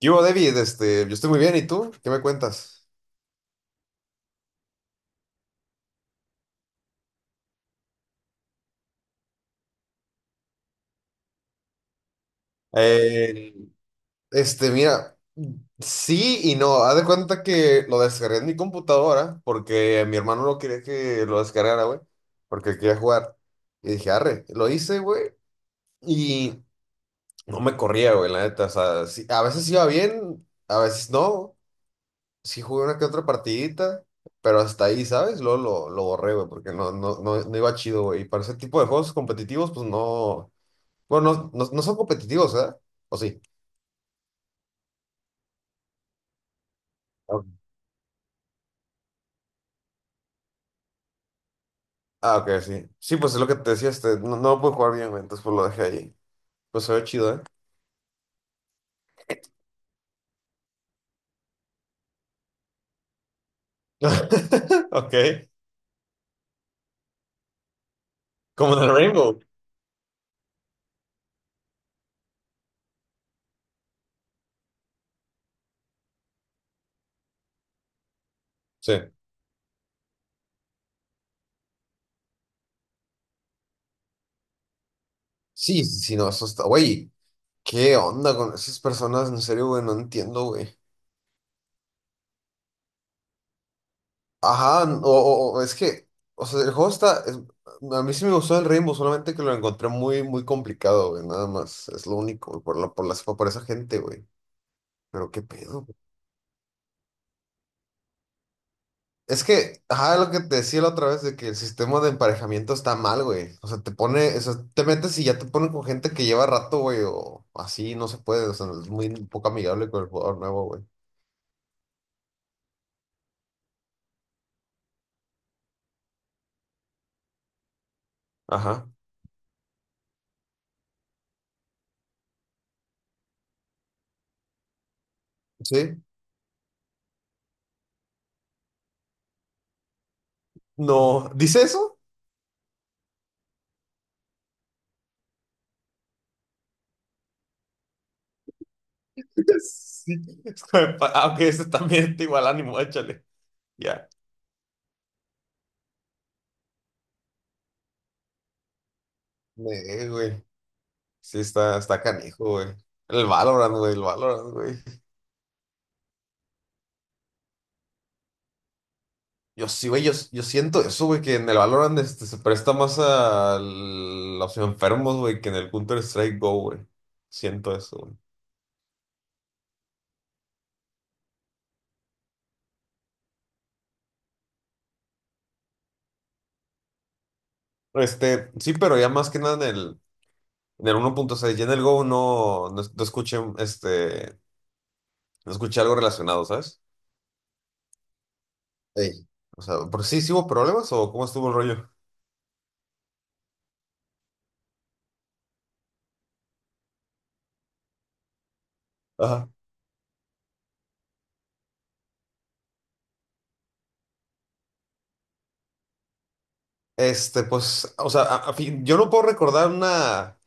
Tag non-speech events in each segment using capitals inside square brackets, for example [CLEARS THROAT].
¿Qué hubo, David? Yo estoy muy bien, ¿y tú? ¿Qué me cuentas? Eh, mira, sí y no. Haz de cuenta que lo descargué en mi computadora porque mi hermano no quería que lo descargara, güey, porque quería jugar. Y dije, arre, lo hice, güey, y no me corría, güey, la neta. O sea, a veces iba bien, a veces no. Sí jugué una que otra partidita, pero hasta ahí, ¿sabes? Luego lo borré, güey, porque no, no, no, no iba chido, güey. Y para ese tipo de juegos competitivos, pues no. Bueno, no, no, no son competitivos, ¿eh? ¿O sí? Ok. Ah, ok, sí. Sí, pues es lo que te decía, no, no lo pude jugar bien, güey, entonces pues lo dejé ahí. Pues se ve chido, ¿eh? [LAUGHS] Ok. Como en el Rainbow. Sí. Sí, sí, sí, no, eso está. Güey, ¿qué onda con esas personas? En serio, güey, no entiendo, güey. Ajá, o es que, o sea, el juego está. A mí sí me gustó el Rainbow, solamente que lo encontré muy, muy complicado, güey, nada más. Es lo único, güey, por la, por las, por esa gente, güey. Pero qué pedo. Es que, ajá, lo que te decía la otra vez de que el sistema de emparejamiento está mal, güey. O sea, te pone, o sea, te metes y ya te ponen con gente que lleva rato, güey, o así, no se puede, o sea, es muy poco amigable con el jugador nuevo, güey. Ajá. Sí. No, ¿dice eso? [LAUGHS] Sí. Aunque ese también está igual ánimo, échale. Ya. Güey. Sí, está canijo, güey. El Valorant, güey, el Valorant, güey. Yo sí, güey, yo siento eso, güey, que en el Valorant se presta más a los enfermos, güey, que en el Counter-Strike Go, güey. Siento eso, güey. Sí, pero ya más que nada en el 1.6 ya en el Go no, no, no escuché algo relacionado, ¿sabes? Ey. O sea, ¿pero sí, sí hubo problemas o cómo estuvo el rollo? Ajá. Pues, o sea, yo no puedo recordar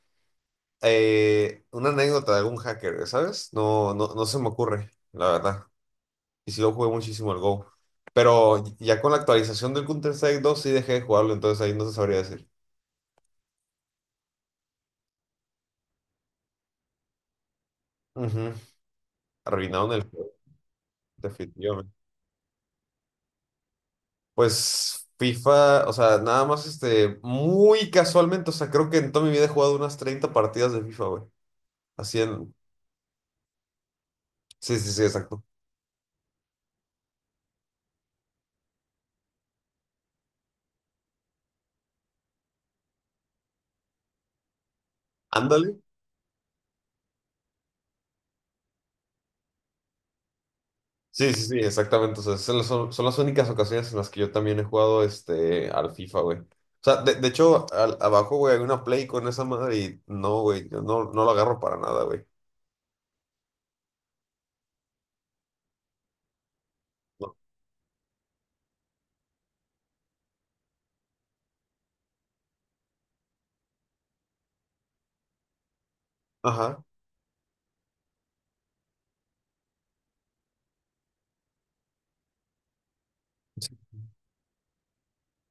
una anécdota de algún hacker, ¿sabes? No, no, no se me ocurre, la verdad. Y sí lo jugué muchísimo el Go. Pero ya con la actualización del Counter-Strike 2 sí dejé de jugarlo, entonces ahí no se sabría decir. Ujú. Arruinaron el juego, definitivamente. Pues FIFA, o sea, nada más muy casualmente, o sea, creo que en toda mi vida he jugado unas 30 partidas de FIFA, güey. Así en... Sí, sí, sí, exacto. Ándale. Sí, sí, sí, exactamente. O sea, son las únicas ocasiones en las que yo también he jugado al FIFA, güey. O sea, de hecho, abajo, güey, hay una Play con esa madre y no, güey, yo no, no lo agarro para nada, güey. No. Ajá. Sí.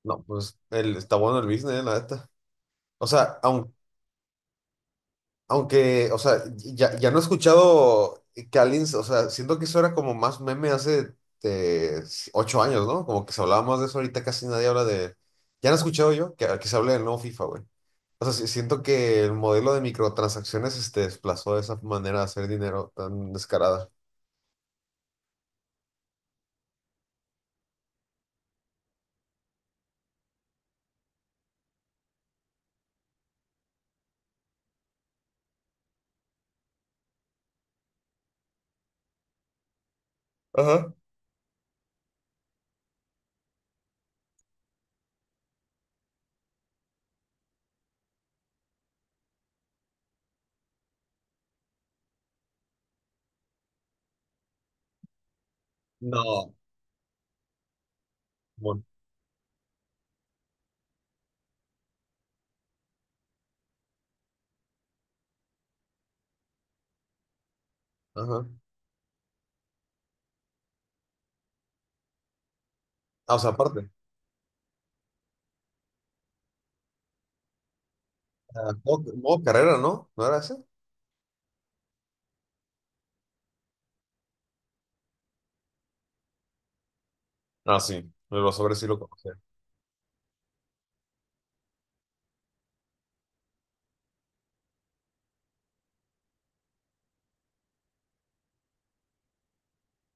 No, pues está bueno el business, la neta. O sea, aunque, o sea, ya, ya no he escuchado que alguien, o sea, siento que eso era como más meme hace eh, 8 años, ¿no? Como que se hablaba más de eso ahorita, casi nadie habla de... Ya no he escuchado yo que se hable del nuevo FIFA, güey. O sea, siento que el modelo de microtransacciones desplazó esa manera de hacer dinero tan descarada. Ajá. No. Bueno. Ajá. Ah, o sea, aparte, ah, modo carrera, ¿no? ¿No era ese? Ah, sí, de los sobres sí lo conocía.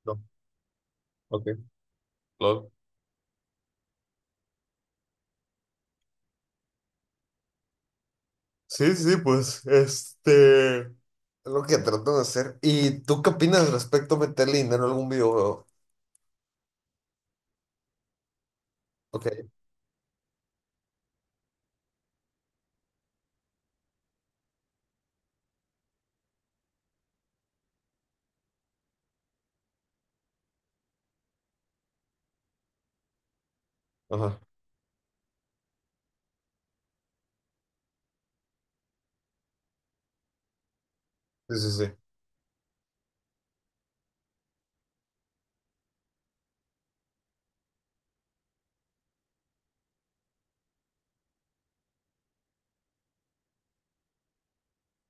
No, ok, lol. Sí, sí, sí, pues, es lo que trato de hacer. ¿Y tú qué opinas respecto a meterle dinero a algún videojuego? Ok, ajá, sí, sí, sí.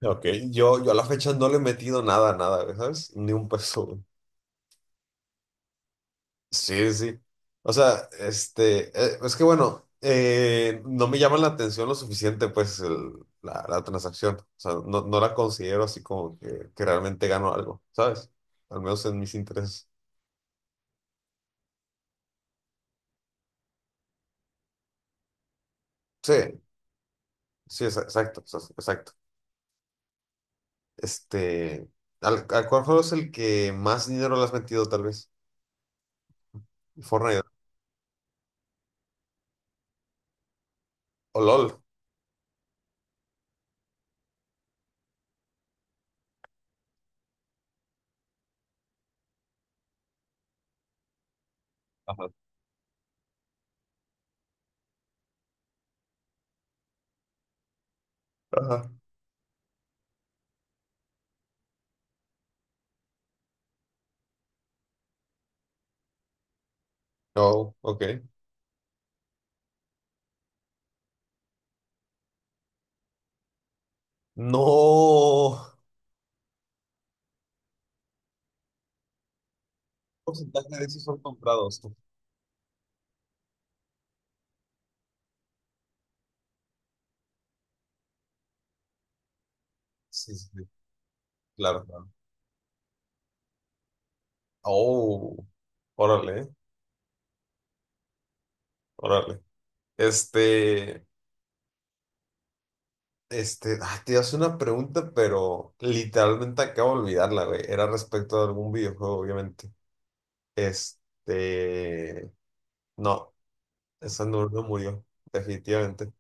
Ok, yo a la fecha no le he metido nada, nada, ¿sabes? Ni un peso. Sí, sí. O sea, es que bueno, no me llama la atención lo suficiente, pues, la transacción. O sea, no, no la considero así como que realmente gano algo, ¿sabes? Al menos en mis intereses. Sí, sí, exacto, o sea, exacto. Este, al cuál juego es el que más dinero le has metido, tal vez? Fortnite o LOL. Ajá. Ajá. No, ok. No. ¿Qué porcentaje de esos son comprados? Sí, sí, sí, claro. Claro. Oh, órale, órale. Este, te hace una pregunta, pero literalmente acabo de olvidarla, güey. Era respecto a algún videojuego, obviamente. Este, no, esa no, no murió, definitivamente.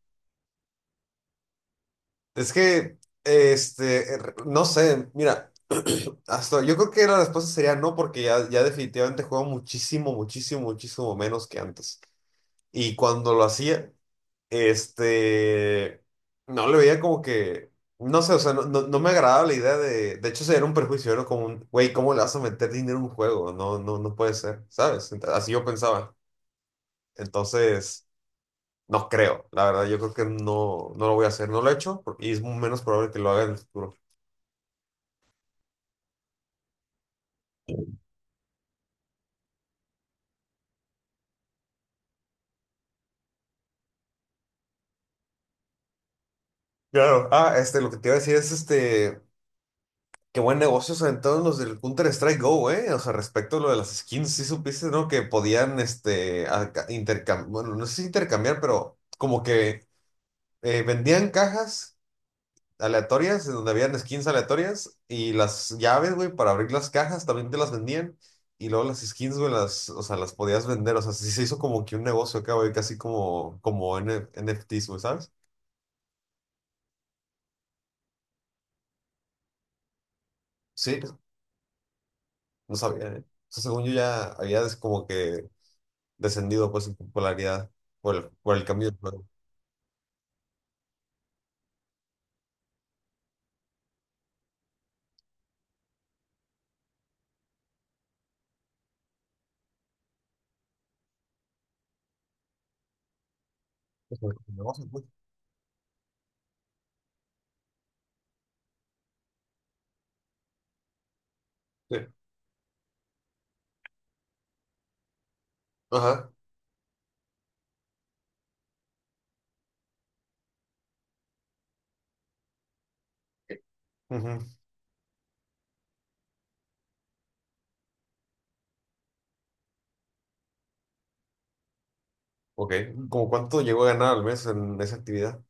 Es que, no sé, mira, [CLEARS THROAT] hasta yo creo que la respuesta sería no, porque ya, ya definitivamente juego muchísimo, muchísimo, muchísimo menos que antes. Y cuando lo hacía. Este, no le veía como que, no sé, o sea, no, no, no me agradaba la idea de hecho, sería un perjuicio, era como güey, ¿cómo le vas a meter dinero a un juego? No, no, no puede ser, ¿sabes? Así yo pensaba. Entonces, no creo, la verdad, yo creo que no, no lo voy a hacer, no lo he hecho y es menos probable que lo haga en el futuro. Claro, ah, lo que te iba a decir es este. Qué buen negocio se aventaron los del Counter-Strike Go, eh. O sea, respecto a lo de las skins, sí supiste, ¿no? Que podían, intercambiar, bueno, no sé si intercambiar, pero como que vendían cajas aleatorias en donde habían skins aleatorias y las llaves, güey, para abrir las cajas también te las vendían. Y luego las skins, güey, o sea, las podías vender. O sea, sí se hizo como que un negocio acá, güey, casi como N NFTs, güey, ¿sabes? Sí, no sabía, ¿eh? O sea, según yo ya había como que descendido pues en popularidad por el cambio del juego. Pues, por negocio, pues. Sí. Ajá. Ujú. Ok. ¿Cómo cuánto llegó a ganar al mes en esa actividad?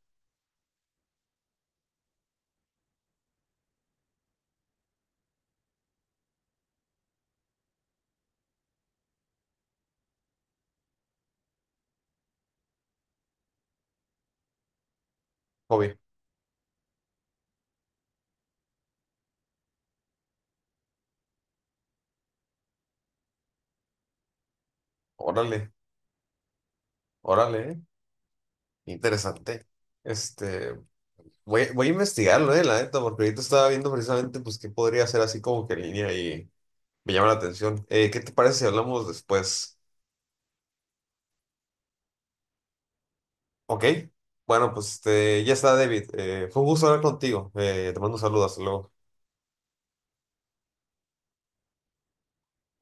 Hobby. Órale, órale, ¿eh? Interesante. Este, voy a investigarlo, la neta, porque ahorita estaba viendo precisamente pues qué podría hacer así como que en línea y me llama la atención. ¿Qué te parece si hablamos después? Ok. Bueno, pues ya está, David. Fue un gusto hablar contigo. Te mando un saludo. Hasta luego.